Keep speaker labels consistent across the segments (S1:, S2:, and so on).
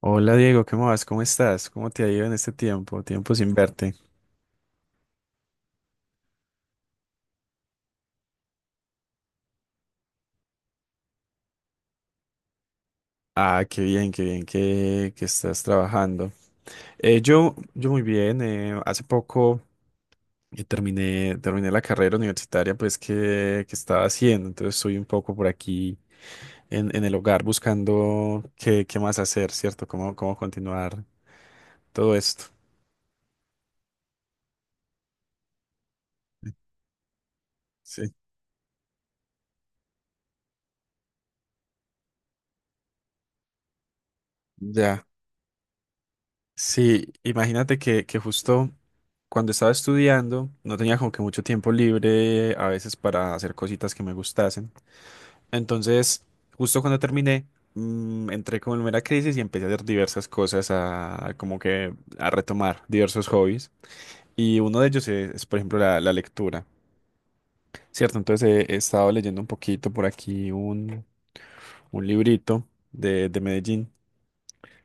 S1: Hola Diego, ¿qué más? ¿Cómo estás? ¿Cómo te ha ido en este tiempo? Tiempo sin verte. Ah, qué bien que estás trabajando. Yo muy bien. Hace poco terminé la carrera universitaria pues que estaba haciendo. Entonces estoy un poco por aquí en el hogar buscando qué, qué más hacer, ¿cierto? ¿Cómo, cómo continuar todo esto? Sí. Ya. Sí, imagínate que justo cuando estaba estudiando no tenía como que mucho tiempo libre a veces para hacer cositas que me gustasen. Entonces, justo cuando terminé, entré como en una crisis y empecé a hacer diversas cosas, a como que a retomar diversos hobbies. Y uno de ellos es, por ejemplo, la lectura, ¿cierto? Entonces he, he estado leyendo un poquito por aquí un librito de Medellín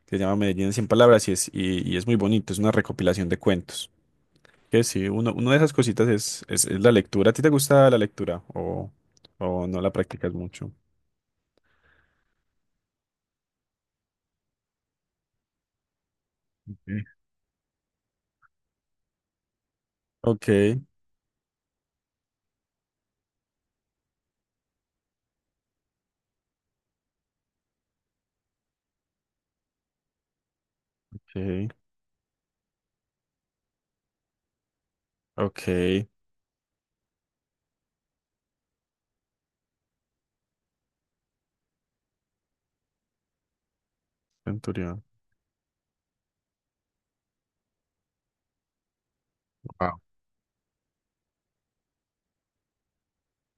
S1: que se llama Medellín en 100 palabras y es muy bonito, es una recopilación de cuentos. Que sí, uno, una de esas cositas es la lectura. ¿A ti te gusta la lectura o no la practicas mucho? Sí. Ok, ok, ok, Centurión. Wow.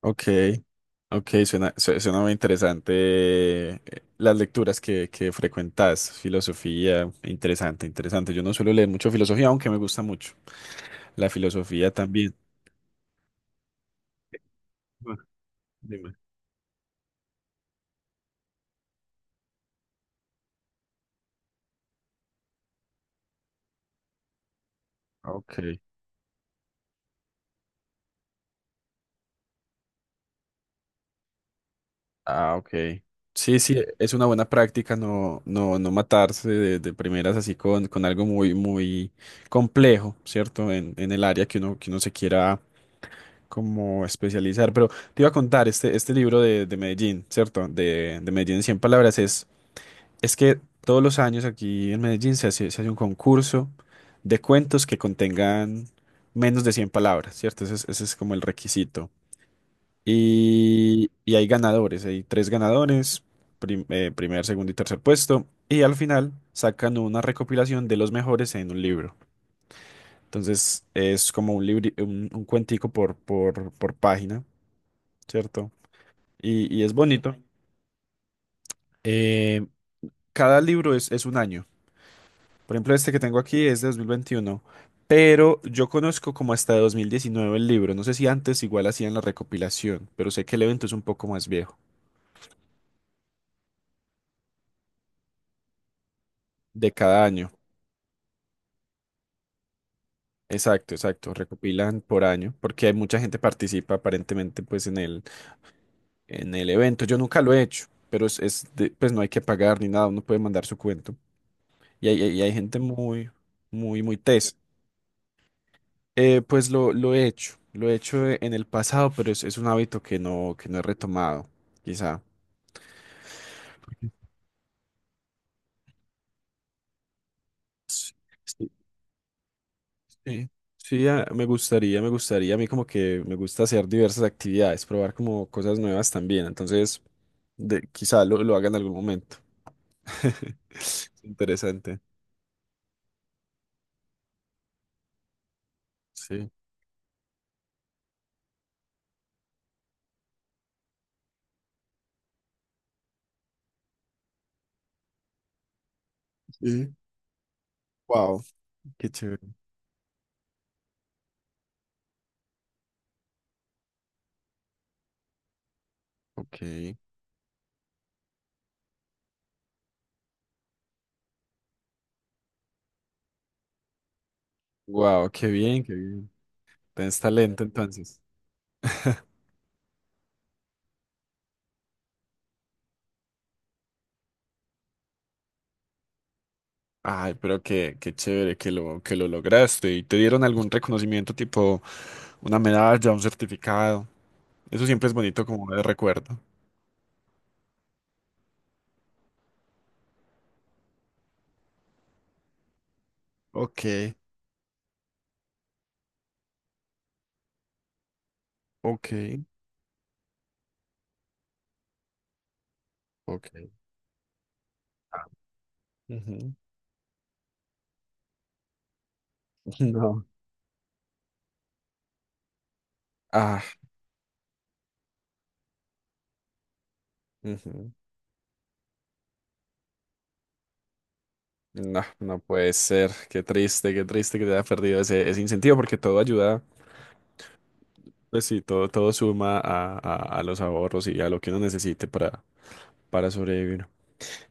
S1: Ok, ok, suena, suena muy interesante eh, las lecturas que frecuentas, filosofía, interesante, interesante. Yo no suelo leer mucho filosofía, aunque me gusta mucho. La filosofía también. Ah, dime. Ok. Ah, ok. Sí, sí, es una buena práctica no, no, no matarse de primeras así con algo muy, muy complejo, ¿cierto? En el área que uno se quiera como especializar. Pero te iba a contar, este libro de Medellín, ¿cierto? De Medellín en 100 palabras, es que todos los años aquí en Medellín se hace un concurso de cuentos que contengan menos de 100 palabras, ¿cierto? Ese es como el requisito. Y hay ganadores, hay tres ganadores, primer, segundo y tercer puesto. Y al final sacan una recopilación de los mejores en un libro. Entonces es como un un cuentico por página, ¿cierto? Y es bonito. Eh, cada libro es un año. Por ejemplo, este que tengo aquí es de 2021, pero yo conozco como hasta 2019 el libro. No sé si antes igual hacían la recopilación, pero sé que el evento es un poco más viejo, de cada año. Exacto, exacto. Recopilan por año, porque hay mucha gente participa aparentemente pues en el evento. Yo nunca lo he hecho, pero es, pues no hay que pagar ni nada, uno puede mandar su cuento. Y hay gente muy, muy, muy tesa. Pues lo he hecho en el pasado, pero es un hábito que no he retomado, quizá. Sí, sí, sí, sí, ah, me gustaría, me gustaría. A mí como que me gusta hacer diversas actividades, probar como cosas nuevas también. Entonces, de, quizá lo haga en algún momento. Interesante. Sí. Sí. Wow, qué chévere. Ok. Wow, qué bien, qué bien. Tienes talento entonces. Ay, pero qué, qué chévere que lo lograste. ¿Y te dieron algún reconocimiento tipo una medalla, un certificado? Eso siempre es bonito como de recuerdo. Ok, ok, ok. Ujú. No. Ah, ujú. No, no puede ser. Qué triste que te haya perdido ese, ese incentivo porque todo ayuda. Pues sí, todo, todo suma a, a los ahorros y a lo que uno necesite para sobrevivir.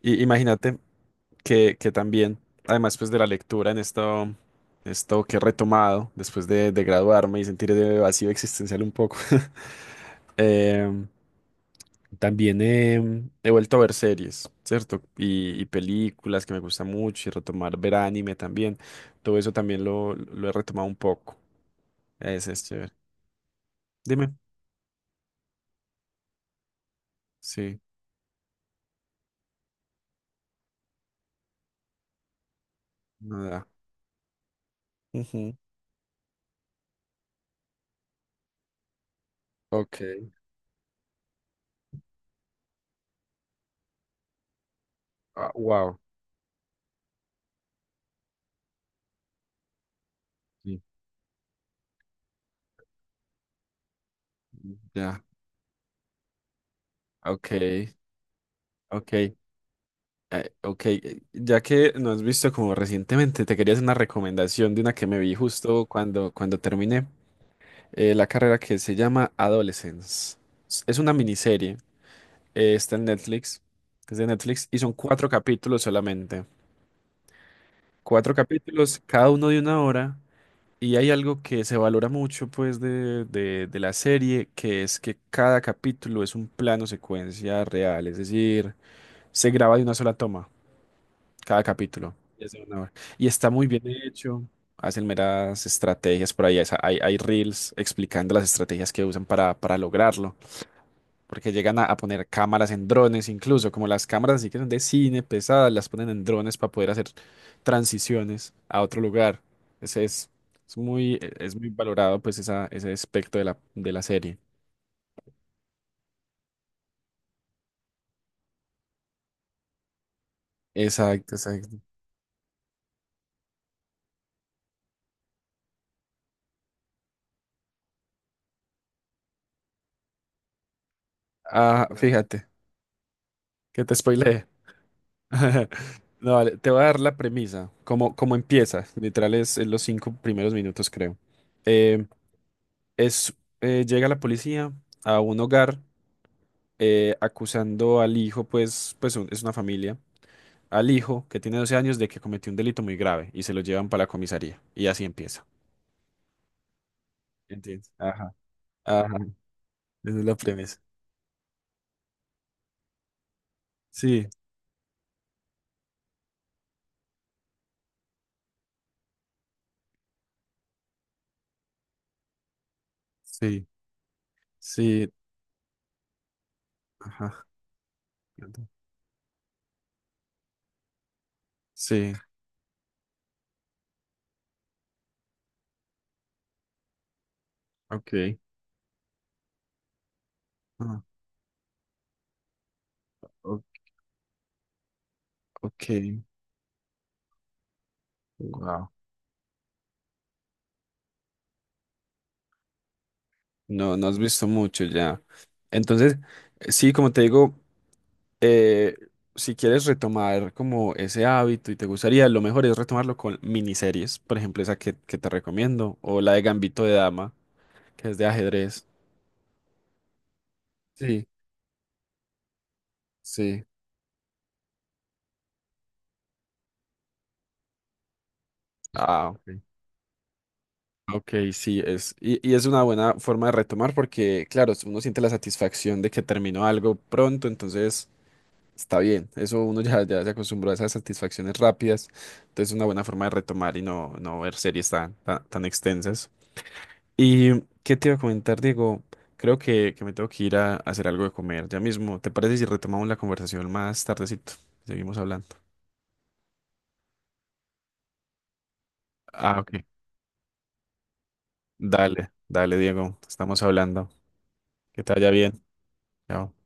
S1: Y imagínate que también, además pues de la lectura en esto, esto que he retomado después de graduarme y sentir de vacío existencial un poco, em, también he vuelto a ver series, ¿cierto? Y películas que me gustan mucho y retomar ver anime también. Todo eso también lo he retomado un poco. Ese es chévere. Dime. Sí. No da. Ujú. Ok. Ah, wow. Sí, ya. Ok. Ok. Ok. Ya que no has visto como recientemente, te quería hacer una recomendación de una que me vi justo cuando, cuando terminé la carrera que se llama Adolescence. Es una miniserie. Está en Netflix. Es de Netflix y son cuatro capítulos solamente. Cuatro capítulos, cada uno de una hora. Y hay algo que se valora mucho, pues, de la serie, que es que cada capítulo es un plano secuencia real, es decir, se graba de una sola toma, cada capítulo. Es de una hora. Y está muy bien hecho, hacen meras estrategias por ahí, hay, hay reels explicando las estrategias que usan para lograrlo porque llegan a poner cámaras en drones, incluso como las cámaras así que son de cine pesadas, las ponen en drones para poder hacer transiciones a otro lugar. Ese es muy, es muy valorado pues esa, ese aspecto de la serie. Exacto, exacto. Ah, claro. Fíjate, que te spoileé. No, vale, te voy a dar la premisa, como, como empieza, literal es los cinco primeros minutos creo. Eh, es, llega la policía a un hogar acusando al hijo, pues, es una familia, al hijo que tiene 12 años de que cometió un delito muy grave y se lo llevan para la comisaría. Y así empieza. ¿Entiendes? Ajá, ajá. Esa es la premisa. Sí, sí, sí, ajá. Sí, ok. ah, o- ok, wow. No, no has visto mucho ya. Entonces, sí, como te digo. eh, si quieres retomar como ese hábito y te gustaría, lo mejor es retomarlo con miniseries, por ejemplo, esa que te recomiendo, o la de Gambito de Dama, que es de ajedrez. Sí, sí. Ah, ok. Ok, sí, es, y es una buena forma de retomar porque, claro, uno siente la satisfacción de que terminó algo pronto, entonces está bien, eso uno ya, ya se acostumbró a esas satisfacciones rápidas, entonces es una buena forma de retomar y no, no ver series tan, tan, tan extensas. ¿Y qué te iba a comentar, Diego? Creo que me tengo que ir a hacer algo de comer ya mismo. ¿Te parece si retomamos la conversación más tardecito? Seguimos hablando. Ah, ok. Dale, dale, Diego. Estamos hablando. Que te vaya bien. Chao.